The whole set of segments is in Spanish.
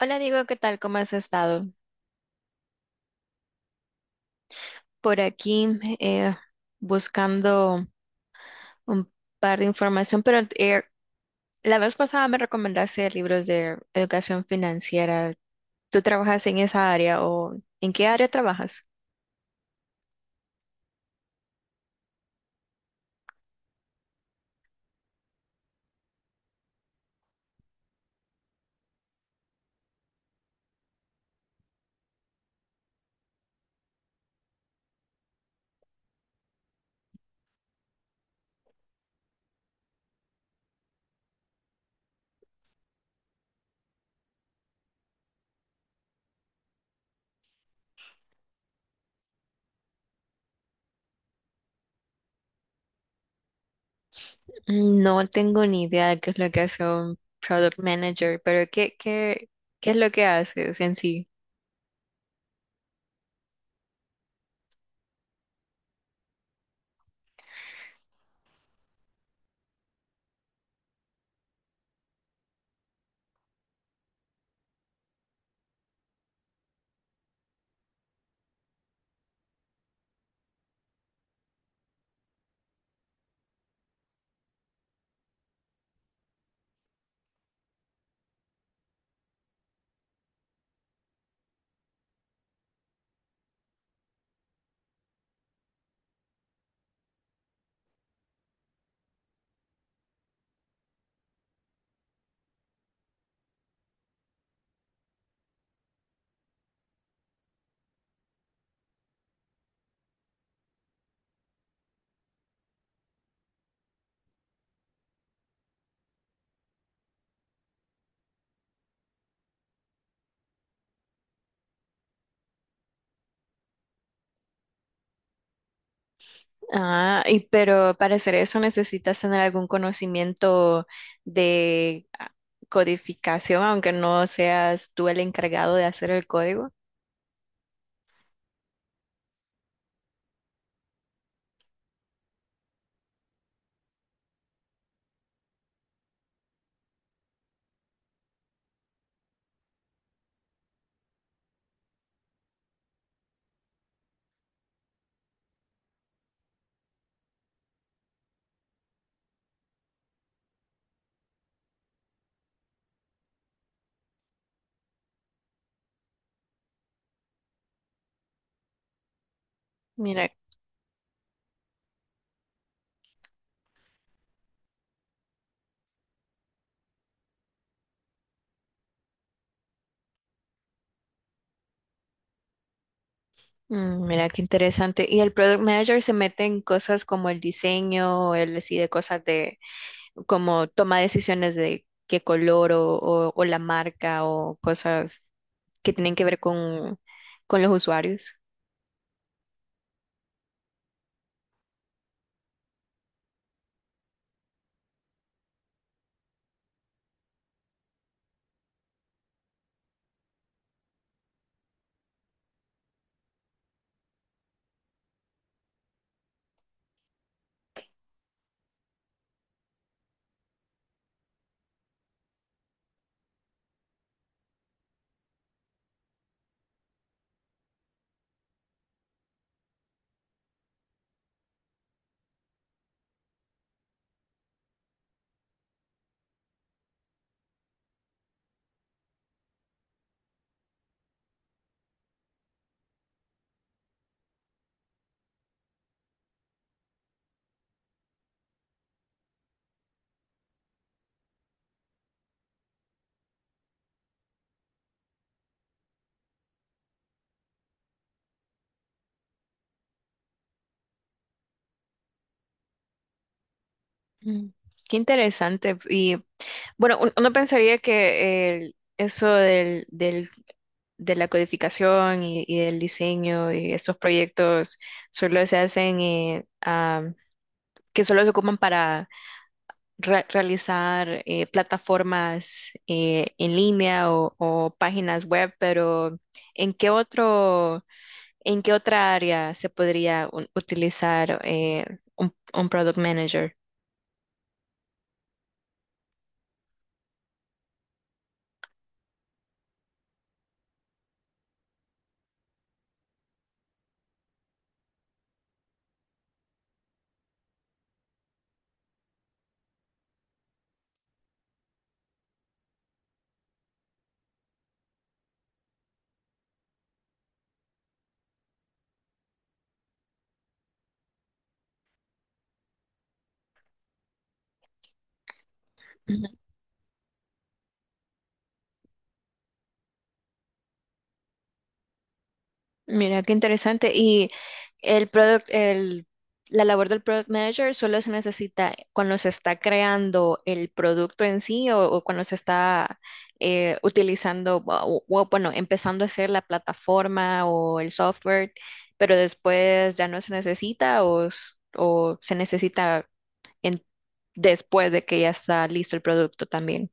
Hola Diego, ¿qué tal? ¿Cómo has estado? Por aquí eh, buscando un par de información, pero la vez pasada me recomendaste libros de educación financiera. ¿Tú trabajas en esa área o en qué área trabajas? No tengo ni idea de qué es lo que hace un product manager, pero ¿qué es lo que haces en sí? Ah, y pero para hacer eso necesitas tener algún conocimiento de codificación, aunque no seas tú el encargado de hacer el código. Mira, mm, mira qué interesante. Y el product manager se mete en cosas como el diseño, él decide cosas de, como toma decisiones de qué color o, o la marca o cosas que tienen que ver con los usuarios. Mm, qué interesante. Y bueno, uno pensaría que eso de la codificación y del diseño y estos proyectos solo se hacen, que solo se ocupan para realizar plataformas en línea o páginas web, pero ¿en qué otro, en qué otra área se podría utilizar un product manager? Ujú. Mira, qué interesante. El product, el, la labor del product manager solo se necesita cuando se está creando el producto en sí o cuando se está utilizando, o, bueno, empezando a hacer la plataforma o el software, pero después ya no se necesita o, o se necesita en- después de que ya está listo el producto también.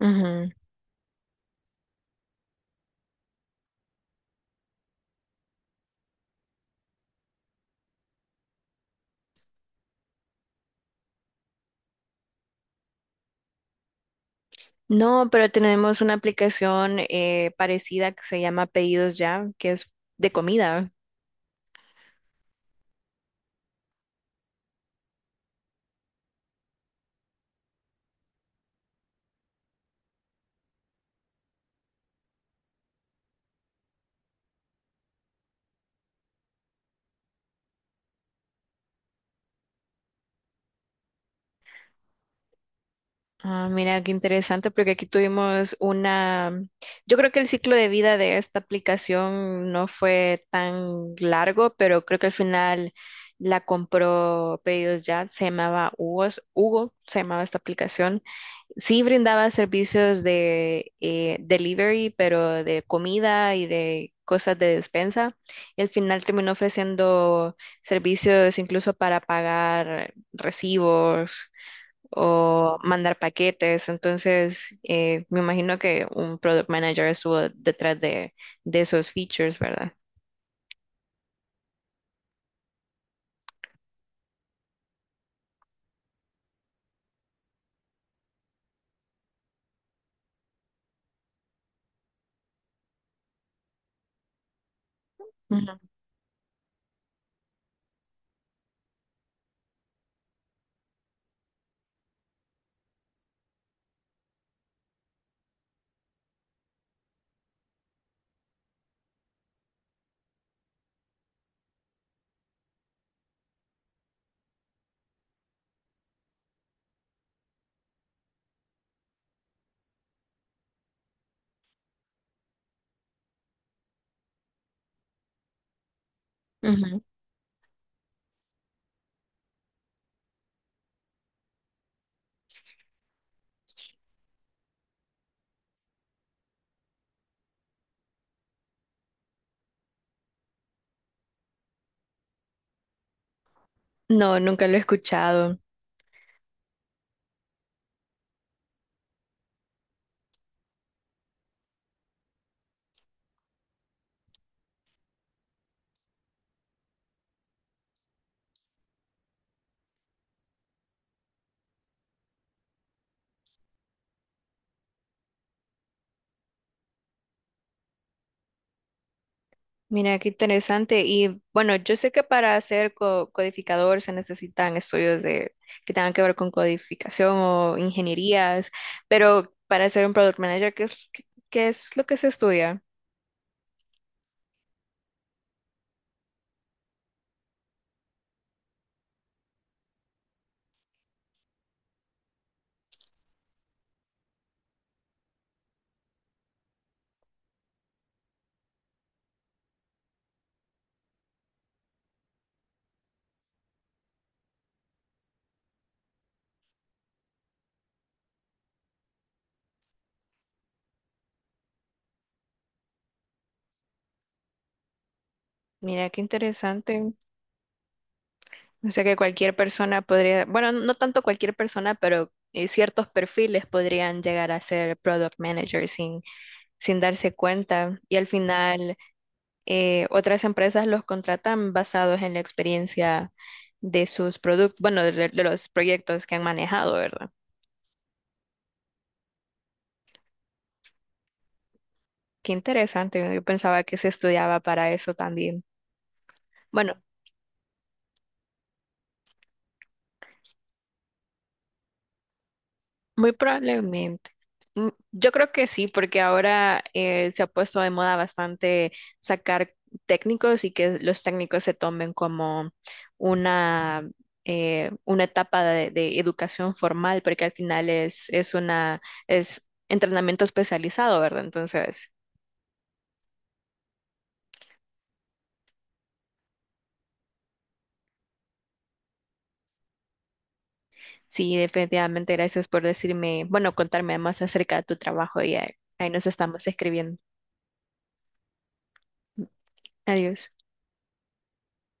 Ujú. No, pero tenemos una aplicación parecida que se llama Pedidos Ya, que es de comida. Ah, mira, qué interesante, porque aquí tuvimos una, yo creo que el ciclo de vida de esta aplicación no fue tan largo, pero creo que al final la compró Pedidos Ya, se llamaba Hugo, Hugo se llamaba esta aplicación. Sí brindaba servicios de delivery, pero de comida y de cosas de despensa. Y al final terminó ofreciendo servicios incluso para pagar recibos o mandar paquetes. Entonces, me imagino que un product manager estuvo detrás de esos features, ¿verdad? Ujú, ujú. No, nunca lo he escuchado. Mira, qué interesante. Y bueno, yo sé que para ser codificador se necesitan estudios de, que tengan que ver con codificación o ingenierías, pero para ser un product manager, ¿qué qué es lo que se estudia? Mira, qué interesante. O sea que cualquier persona podría, bueno, no tanto cualquier persona, pero ciertos perfiles podrían llegar a ser product manager sin, sin darse cuenta. Y al final, otras empresas los contratan basados en la experiencia de sus productos, bueno, de los proyectos que han manejado, ¿verdad? Qué interesante. Yo pensaba que se estudiaba para eso también. Bueno, muy probablemente. Mm, yo creo que sí, porque ahora se ha puesto de moda bastante sacar técnicos y que los técnicos se tomen como una, una etapa de educación formal, porque al final es una, es entrenamiento especializado, ¿verdad? Entonces, sí, definitivamente gracias por decirme, bueno, contarme más acerca de tu trabajo y ahí, ahí nos estamos escribiendo. Adiós.